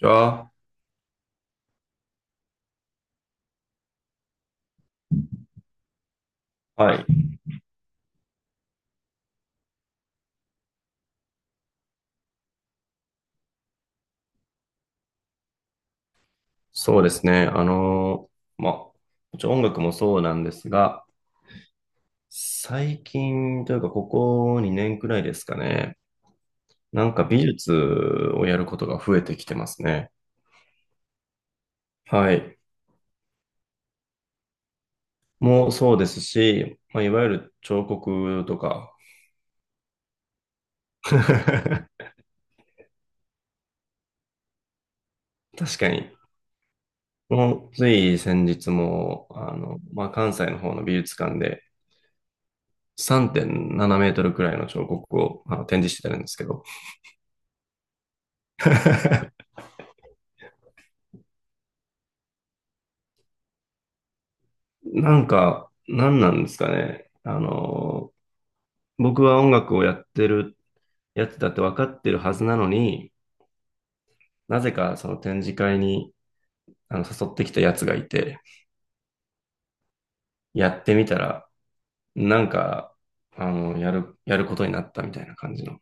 じゃあ、はい。そうですね。まあ、もちろん音楽もそうなんですが、最近というか、ここ2年くらいですかね。なんか美術をやることが増えてきてますね。はい。もうそうですし、まあ、いわゆる彫刻とか。確かに。もう、つい先日も、まあ、関西の方の美術館で3.7メートルくらいの彫刻を展示してたんですけど。なんか、なんなんですかね。僕は音楽をやってるやつだって分かってるはずなのに、なぜかその展示会に誘ってきたやつがいて、やってみたら、なんか、やることになったみたいな感じの。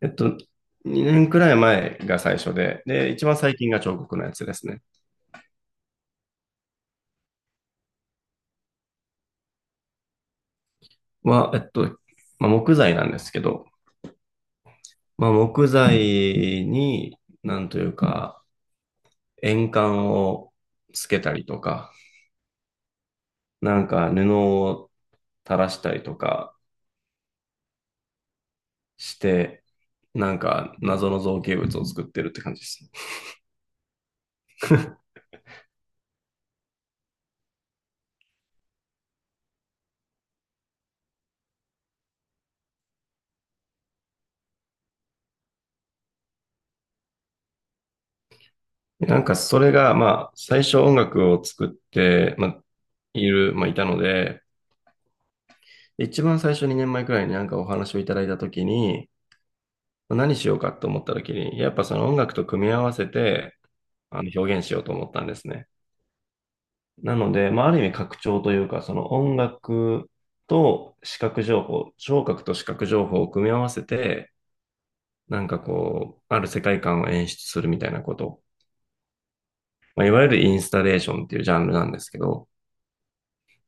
えっと、2年くらい前が最初で、で、一番最近が彫刻のやつですね。は、えっと、まあ、木材なんですけど、まあ、木材に、なんというか、円管をつけたりとか、なんか布を垂らしたりとかして、なんか謎の造形物を作ってるって感じですね。なんかそれが、まあ、最初音楽を作って、まあ、いたので、一番最初2年前くらいになんかお話をいただいたときに、まあ何しようかと思ったときに、やっぱその音楽と組み合わせて、表現しようと思ったんですね。なので、まあ、ある意味拡張というか、その音楽と視覚情報、聴覚と視覚情報を組み合わせて、なんかこう、ある世界観を演出するみたいなこと、まあ、いわゆるインスタレーションっていうジャンルなんですけど、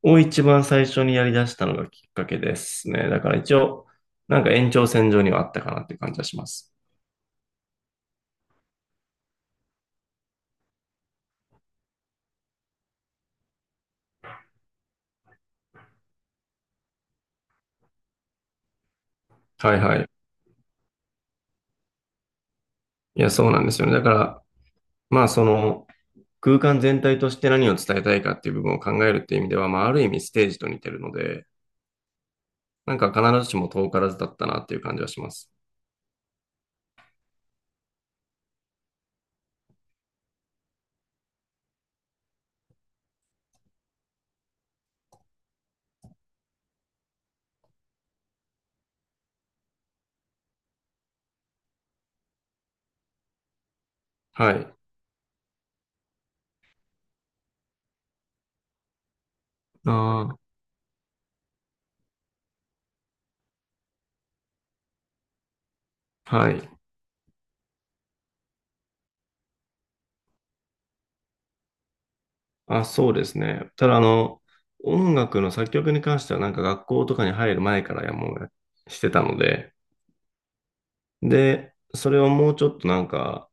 を一番最初にやり出したのがきっかけですね。だから一応、なんか延長線上にはあったかなっていう感じはします。はいはい。いや、そうなんですよね。だから、まあその、空間全体として何を伝えたいかっていう部分を考えるっていう意味では、まあある意味ステージと似てるので、なんか必ずしも遠からずだったなっていう感じはします。はい。ああ、はい。あ、そうですね。ただ、音楽の作曲に関しては、なんか学校とかに入る前からやもうやしてたので、で、それをもうちょっとなんか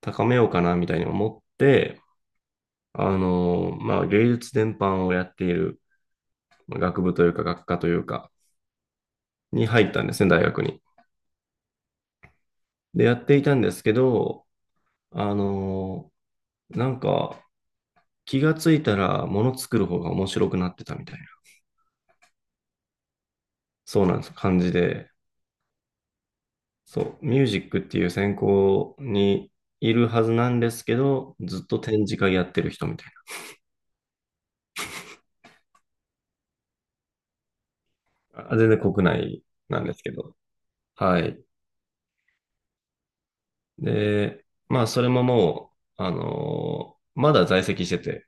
高めようかなみたいに思って、まあ、芸術全般をやっているまあ学部というか学科というか、に入ったんですね、大学に。で、やっていたんですけど、あの、なんか、気がついたら物作る方が面白くなってたみたいな、そうなんです、感じで、そう、ミュージックっていう専攻にいるはずなんですけど、ずっと展示会やってる人みたいな。あ、全然国内なんですけど。はい。で、まあ、それももう、あのーまだ在籍してて、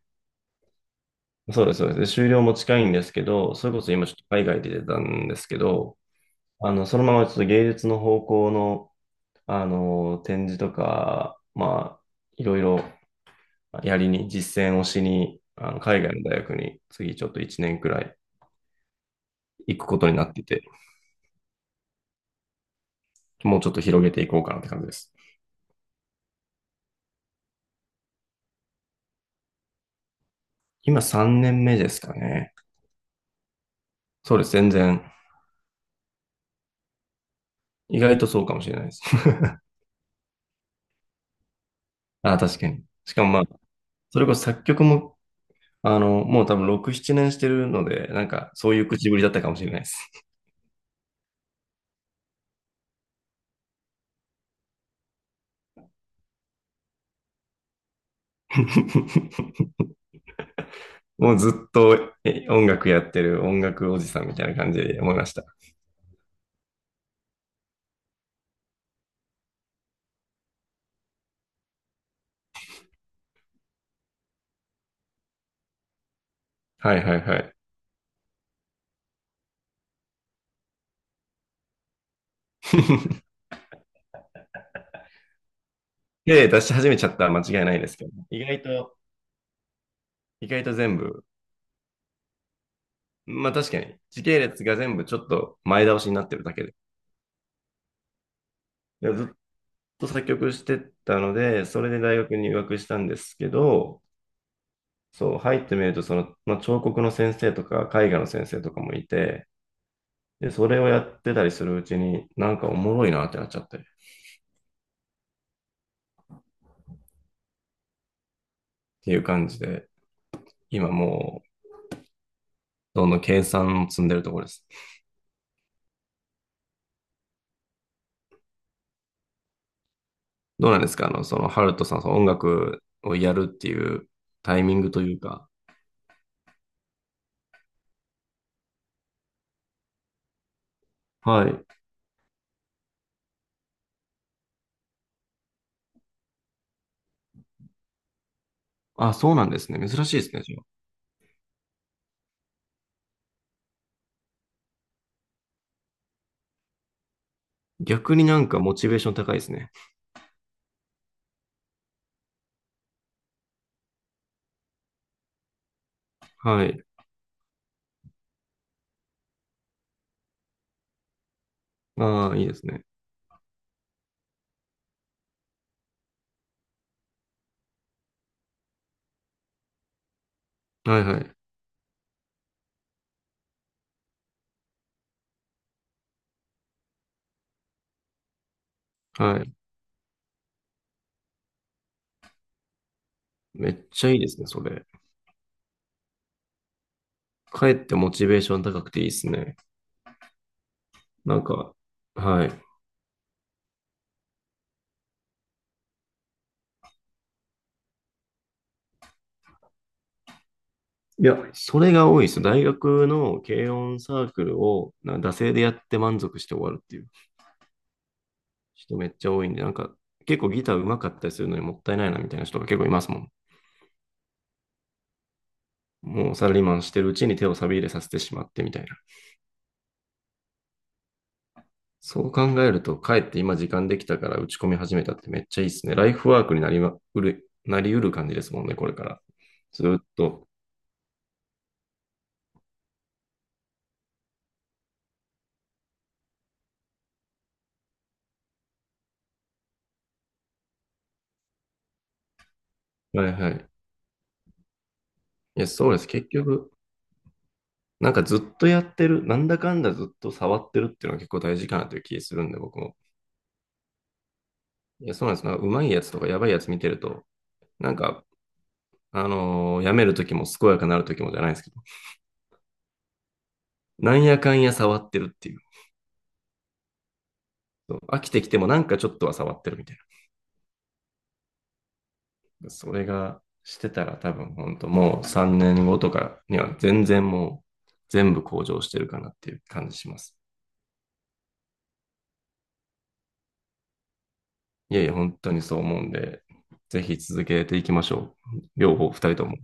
そうです、そうです。で、終了も近いんですけど、それこそ今ちょっと海外で出たんですけど、そのままちょっと芸術の方向の、展示とか、まあ、いろいろやりに、実践をしに、海外の大学に次ちょっと1年くらい行くことになってて、もうちょっと広げていこうかなって感じです。今3年目ですかね。そうです、全然。意外とそうかもしれないです。あ、確かに。しかもまあ、それこそ作曲も、もう多分6、7年してるので、なんかそういう口ぶりだったかもしれないです。もうずっと音楽やってる音楽おじさんみたいな感じで思いました。はいはいはい。系列出し始めちゃったら間違いないですけど、意外と、意外と全部、まあ確かに、時系列が全部ちょっと前倒しになってるだけで。で、ずっと作曲してたので、それで大学に入学したんですけど、そう、入ってみると、その、まあ、彫刻の先生とか、絵画の先生とかもいて、で、それをやってたりするうちに、なんかおもろいなってなっちゃって、っていう感じで、今もう、どんどん計算を積んでるところです。どうなんですか、あの、その、ハルトさん、その音楽をやるっていうタイミングというか、はい。あ、そうなんですね。珍しいですね、じゃあ。逆になんかモチベーション高いですね。はい。ああ、いいですね。はいはい。はい。めっちゃいいですね、それ。かえってモチベーション高くていいですね。なんか、はい。いや、それが多いです。大学の軽音サークルを、な惰性でやって満足して終わるっていう人めっちゃ多いんで、なんか、結構ギター上手かったりするのにもったいないなみたいな人が結構いますもん。もうサラリーマンしてるうちに手を錆び入れさせてしまってみたいな。そう考えると、かえって今時間できたから打ち込み始めたってめっちゃいいですね。ライフワークになりうる感じですもんね、これから。ずっと。はいはい。いや、そうです。結局、なんかずっとやってる、なんだかんだずっと触ってるっていうのは結構大事かなという気するんで、僕も。いや、そうなんです。なんかうまいやつとかやばいやつ見てると、なんか、やめるときも健やかなるときもじゃないですけど、なんやかんや触ってるっていう。そう飽きてきてもなんかちょっとは触ってるみたいな。それがしてたら多分本当もう3年後とかには全然もう全部向上してるかなっていう感じします。いやいや、本当にそう思うんで、ぜひ続けていきましょう。両方、2人とも。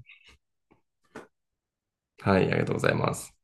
はい、ありがとうございます。